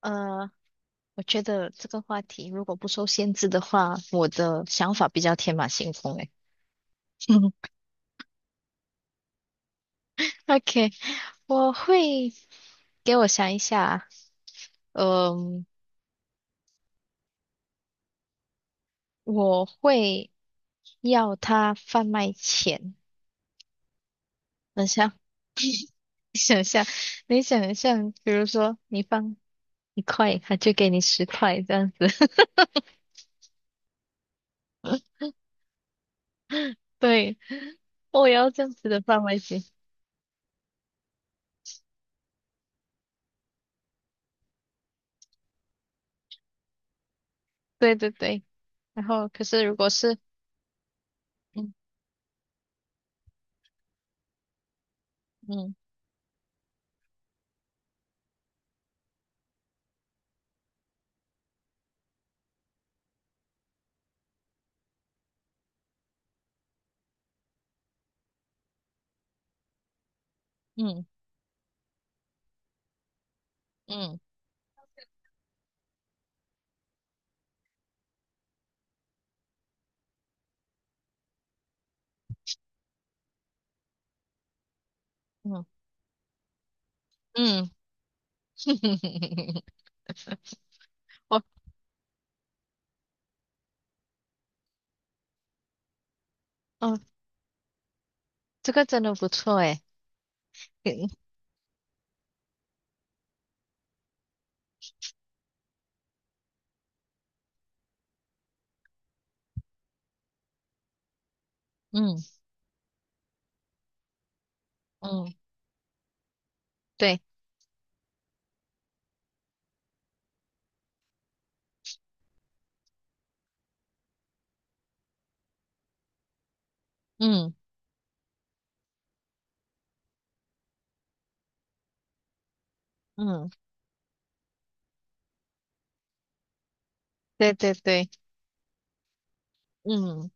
呃，我觉得这个话题如果不受限制的话，我的想法比较天马行空诶。OK，我会给我想一下，嗯、我会要他贩卖钱。等一下，你想象，比如说你放一块，他就给你十块这样子。对，我要这样子的范围型。对对对，然后可是如果是嗯嗯嗯嗯嗯嗯。 我哦，这个真的不错诶。嗯嗯嗯，对，嗯嗯，对对对，嗯，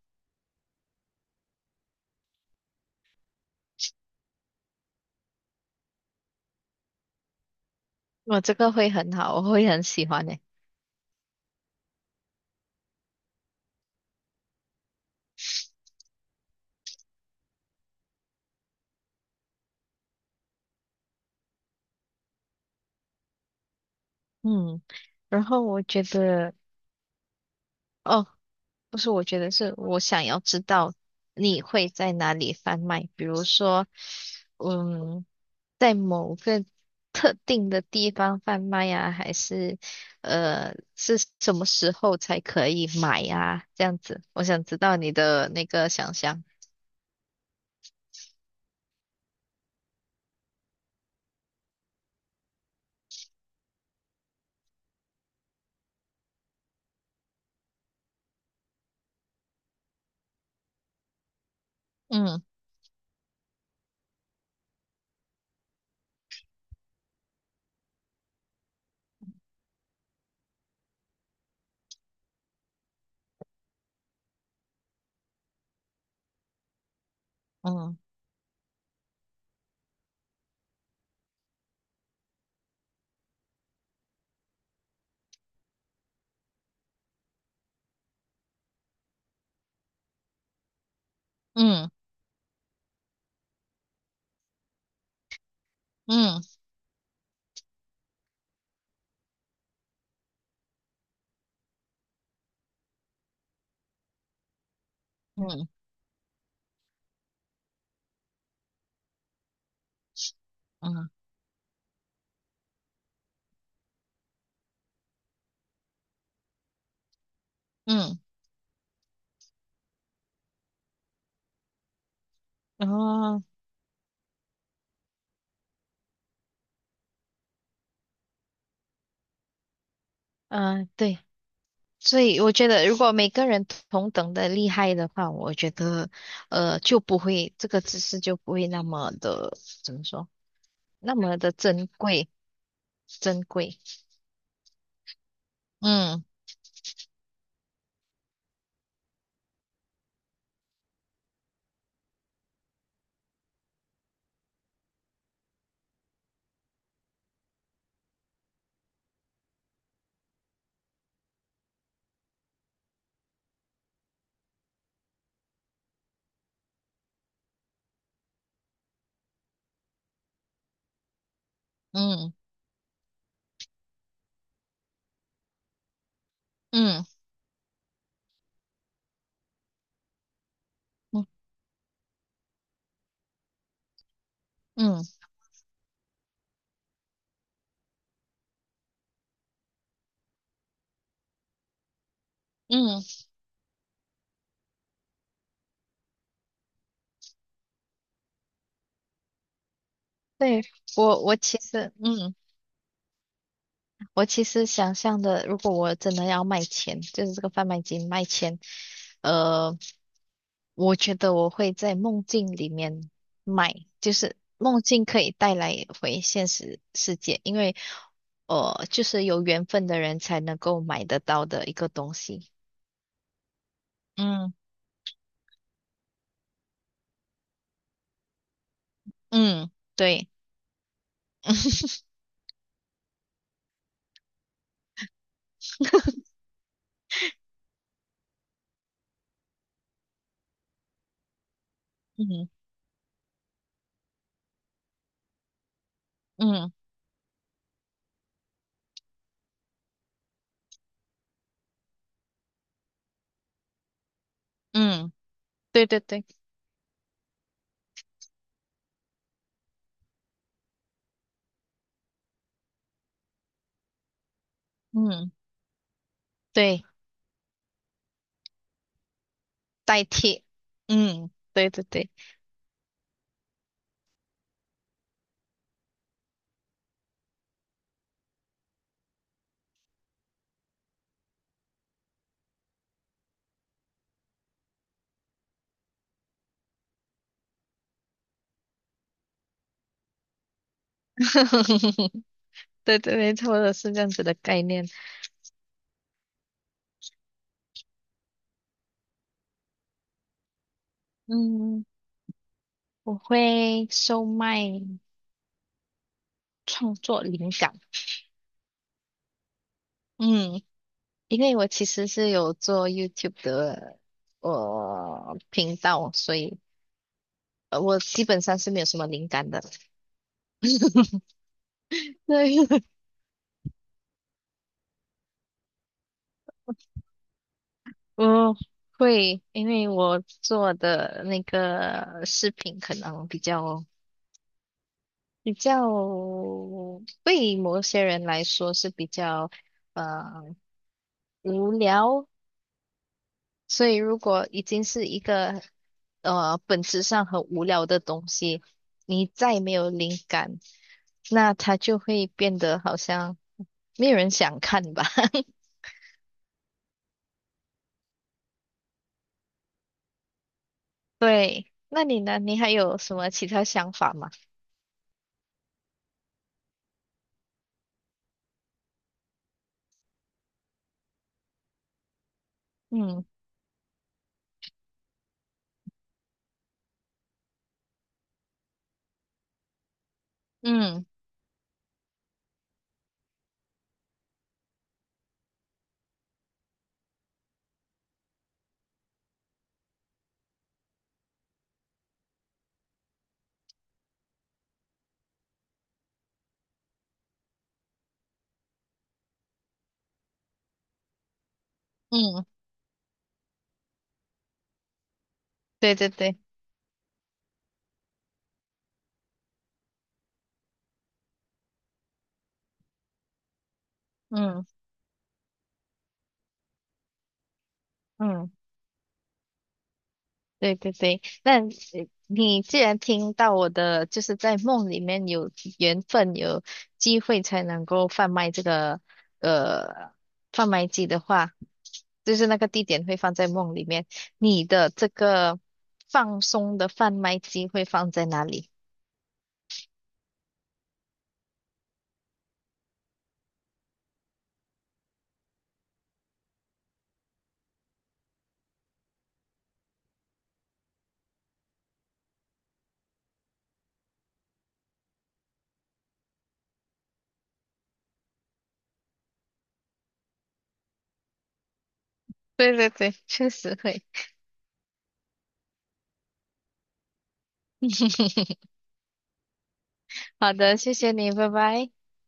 我这个会很好，我会很喜欢诶。嗯，然后我觉得，哦，不是，我觉得是我想要知道你会在哪里贩卖，比如说，嗯。在某个特定的地方贩卖呀，还是是什么时候才可以买呀？这样子，我想知道你的那个想象。嗯嗯嗯嗯嗯嗯嗯，然后嗯，呃对，所以我觉得如果每个人同等的厉害的话，我觉得就不会这个知识就不会那么的怎么说，那么的珍贵。嗯嗯嗯嗯嗯嗯，对，我其实，嗯，我其实想象的，如果我真的要卖钱，就是这个贩卖机卖钱，呃，我觉得我会在梦境里面卖，就是梦境可以带来回现实世界，因为，就是有缘分的人才能够买得到的一个东西。嗯嗯，对，嗯嗯嗯，对对对，嗯对，代替，嗯，对对对。对对，没错的，是这样子的概念。嗯，我会售卖创作灵感。嗯，因为我其实是有做 YouTube 的我频道，所以我基本上是没有什么灵感的。对，我会，因为我做的那个视频可能比较对某些人来说是比较呃无聊，所以如果已经是一个本质上很无聊的东西，你再没有灵感，那它就会变得好像没有人想看吧。对，那你呢？你还有什么其他想法吗？嗯嗯嗯，对对对，嗯嗯。对对对，那你既然听到我的，就是在梦里面有缘分、有机会才能够贩卖这个呃贩卖机的话，就是那个地点会放在梦里面。你的这个放松的贩卖机会放在哪里？对对对，确实会。好的，谢谢你，拜拜。